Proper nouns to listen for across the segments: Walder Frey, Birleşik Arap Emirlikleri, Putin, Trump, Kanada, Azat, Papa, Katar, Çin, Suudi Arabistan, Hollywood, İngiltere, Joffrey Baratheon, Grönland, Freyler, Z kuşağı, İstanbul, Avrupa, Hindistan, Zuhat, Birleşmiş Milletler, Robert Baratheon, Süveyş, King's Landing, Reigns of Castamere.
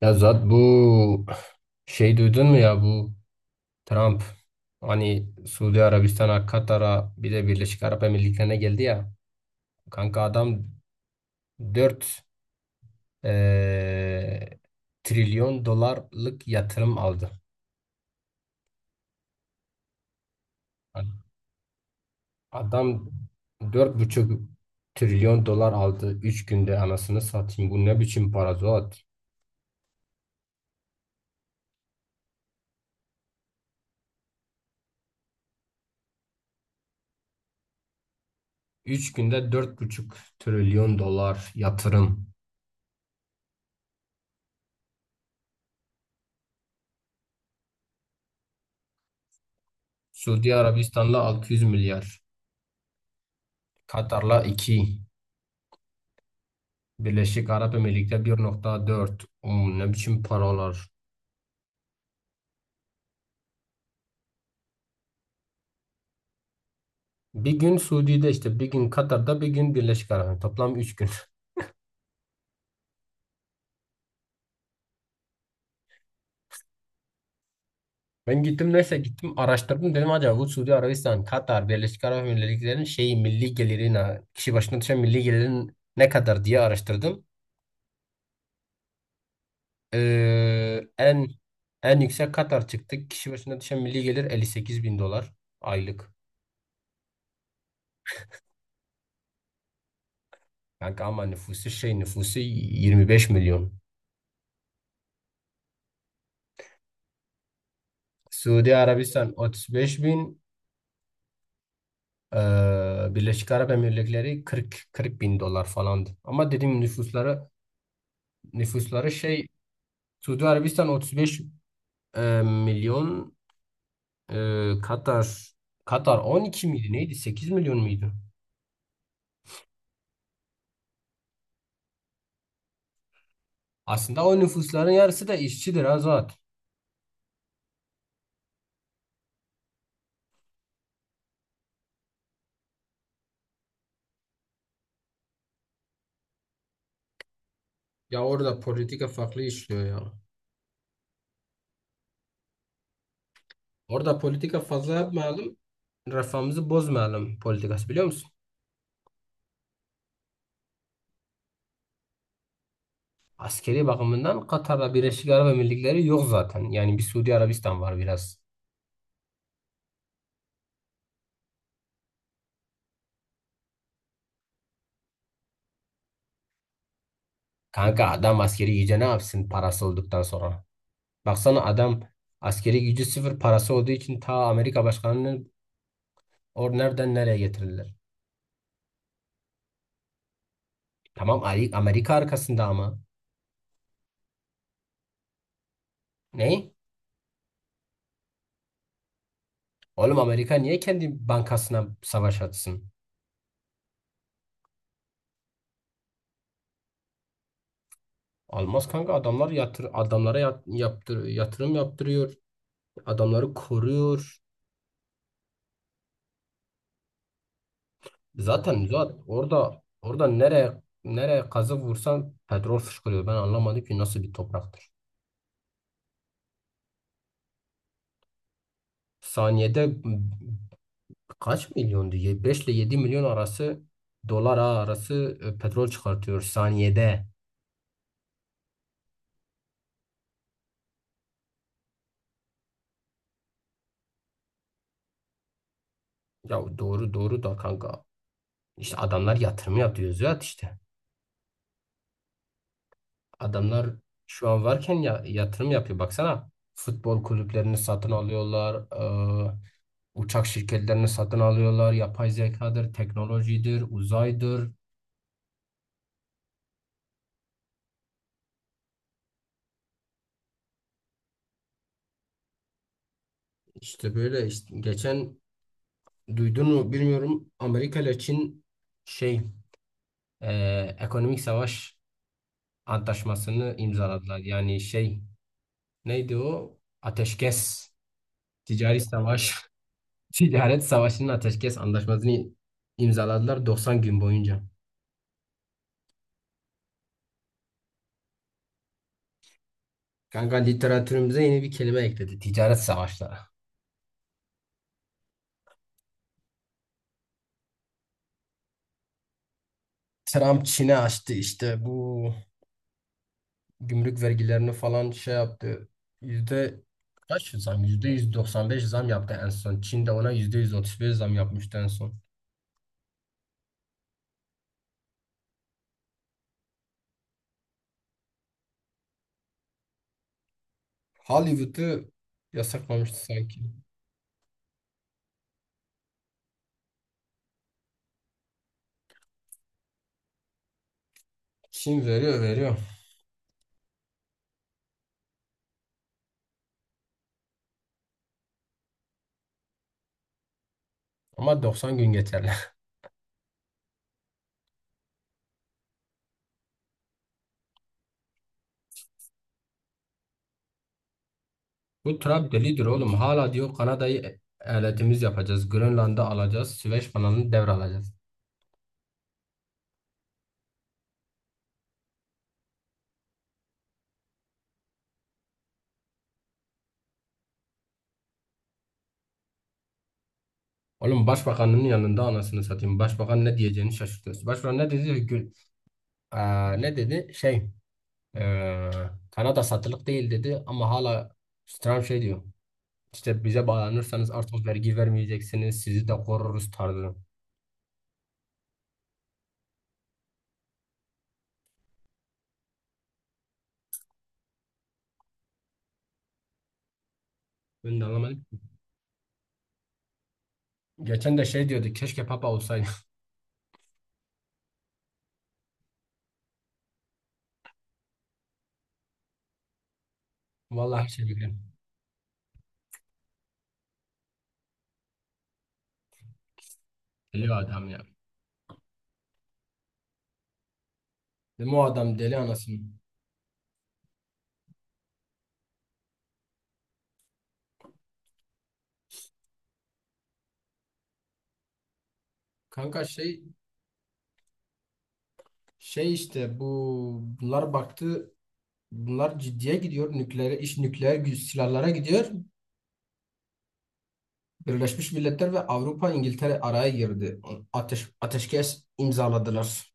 Ya zaten bu şey, duydun mu ya? Bu Trump, hani, Suudi Arabistan'a, Katar'a bir de Birleşik Arap Emirlikleri'ne geldi ya. Kanka adam 4 eee, trilyon dolarlık yatırım aldı. Yani adam 4,5 trilyon dolar aldı 3 günde, anasını satayım. Bu ne biçim para, Zuhat? Üç günde 4,5 trilyon dolar yatırım. Suudi Arabistan'la 600 milyar. Katar'la iki, Birleşik Arap Emirlikleri 1,4. Ne biçim paralar. Bir gün Suudi'de işte, bir gün Katar'da, bir gün Birleşik Arap. Toplam 3 gün. Ben gittim, neyse gittim araştırdım, dedim acaba bu Suudi Arabistan, Katar, Birleşik Arap Emirlikleri'nin şeyi, milli gelirin kişi başına düşen milli gelirin ne kadar diye araştırdım. Ee, en en yüksek Katar çıktı. Kişi başına düşen milli gelir 58 bin dolar aylık. Kanka ama nüfusu 25 milyon. Suudi Arabistan 35 bin. Birleşik Arap Emirlikleri 40 bin dolar falandı. Ama dediğim nüfusları Suudi Arabistan 35 milyon, e, Katar Katar 12 miydi neydi, 8 milyon muydu? Aslında o nüfusların yarısı da işçidir, Azat. Ya orada politika farklı işliyor ya. Orada politika fazla yapmayalım. Refahımızı bozmayalım politikası, biliyor musun? Askeri bakımından Katar'la Birleşik Arap Emirlikleri yok zaten. Yani bir Suudi Arabistan var biraz. Kanka adam askeri güce ne yapsın parası olduktan sonra? Baksana adam askeri gücü sıfır, parası olduğu için ta Amerika başkanını nereden nereye getirdiler. Tamam, Amerika arkasında ama. Ne? Oğlum Amerika niye kendi bankasına savaş atsın? Olmaz kanka, adamlar adamlara yatırım yaptırıyor. Adamları koruyor. Zaten orada nereye kazık vursan petrol fışkırıyor. Ben anlamadım ki nasıl bir topraktır. Saniyede kaç milyon diye, 5 ile 7 milyon arası dolar arası petrol çıkartıyor saniyede. Ya doğru doğru da kanka. İşte adamlar yatırım yapıyor, Züat, işte. Adamlar şu an varken ya, yatırım yapıyor. Baksana, futbol kulüplerini satın alıyorlar. e, Uçak şirketlerini satın alıyorlar. Yapay zekadır, teknolojidir, uzaydır. İşte böyle işte, geçen duydun mu bilmiyorum, Amerika ile Çin şey e, ekonomik savaş antlaşmasını imzaladılar. Yani neydi o? Ateşkes. Ticari savaş, ticaret savaşının ateşkes antlaşmasını imzaladılar 90 gün boyunca. Kanka, literatürümüze yeni bir kelime ekledi. Ticaret savaşları. Trump Çin'e açtı işte, bu gümrük vergilerini falan şey yaptı. Yüzde kaç zam? %195 zam yaptı en son. Çin de ona %135 zam yapmıştı en son. Hollywood'u yasaklamıştı sanki. Çin veriyor veriyor. Ama 90 gün geçerli. Bu Trump delidir oğlum. Hala diyor Kanada'yı eyaletimiz yapacağız. Grönland'ı alacağız. Süveyş kanalını devralacağız. Oğlum, başbakanın yanında anasını satayım. Başbakan ne diyeceğini şaşırtıyorsun. Başbakan ne dedi? Gül, ne dedi? Eee, Kanada satılık değil dedi, ama hala Trump şey diyor. İşte bize bağlanırsanız artık vergi vermeyeceksiniz. Sizi de koruruz tarzı. Ben de anlamadım. Geçen de şey diyordu, keşke Papa olsaydı. Vallahi her şey bilirim. Deli adam ya. Dedim o adam deli, anasını. Kanka, işte bunlar baktı, bunlar ciddiye gidiyor, nükleer silahlara gidiyor. Birleşmiş Milletler ve Avrupa, İngiltere araya girdi. Ateşkes imzaladılar.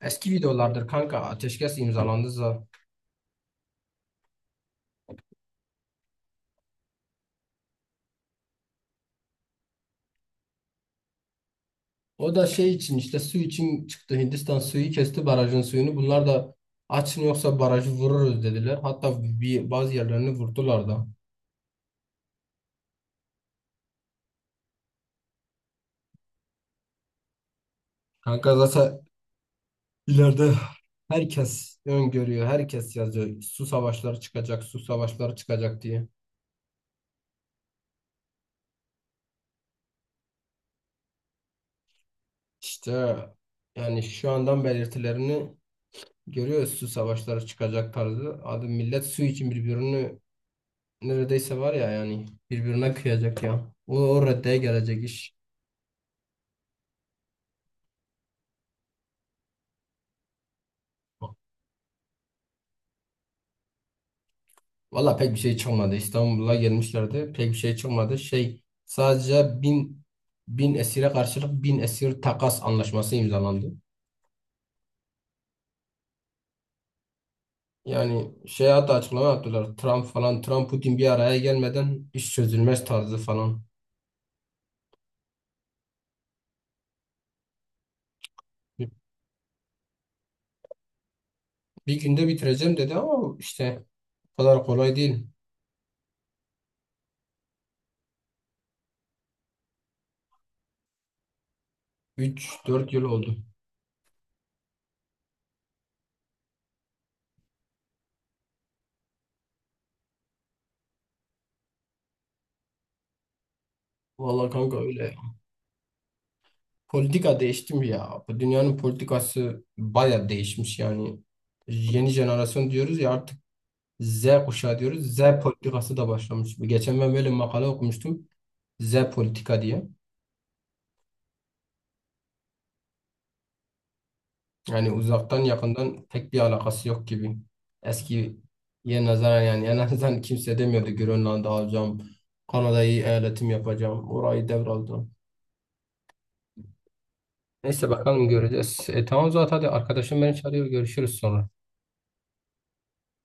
Eski videolardır kanka, ateşkes imzalandı za. O da şey için işte su için çıktı. Hindistan suyu kesti, barajın suyunu. Bunlar da açın yoksa barajı vururuz dediler. Hatta bazı yerlerini vurdular da. Kanka zaten, İleride herkes öngörüyor, herkes yazıyor. Su savaşları çıkacak, su savaşları çıkacak diye. İşte yani şu andan belirtilerini görüyoruz. Su savaşları çıkacak tarzı. Abi millet su için birbirini neredeyse var ya yani birbirine kıyacak ya. O reddeye gelecek iş. Valla pek bir şey çıkmadı. İstanbul'a gelmişlerdi. Pek bir şey çıkmadı. Sadece bin esire karşılık bin esir takas anlaşması imzalandı. Yani hatta açıklama yaptılar. Trump falan, Trump Putin bir araya gelmeden iş çözülmez tarzı falan. Bir, bir günde bitireceğim dedi ama işte o kadar kolay değil. 3-4 yıl oldu. Vallahi kanka öyle. Politika değişti mi ya? Bu dünyanın politikası baya değişmiş yani. Yeni jenerasyon diyoruz ya artık, Z kuşağı diyoruz. Z politikası da başlamış. Geçen ben böyle makale okumuştum, Z politika diye. Yani uzaktan yakından pek bir alakası yok gibi. Eski Eskiye nazaran yani, en azından kimse demiyordu Grönland'ı alacağım, Kanada'yı eyaletim yapacağım, orayı devraldım. Neyse bakalım göreceğiz. Tamam zaten, hadi arkadaşım beni çağırıyor. Görüşürüz sonra.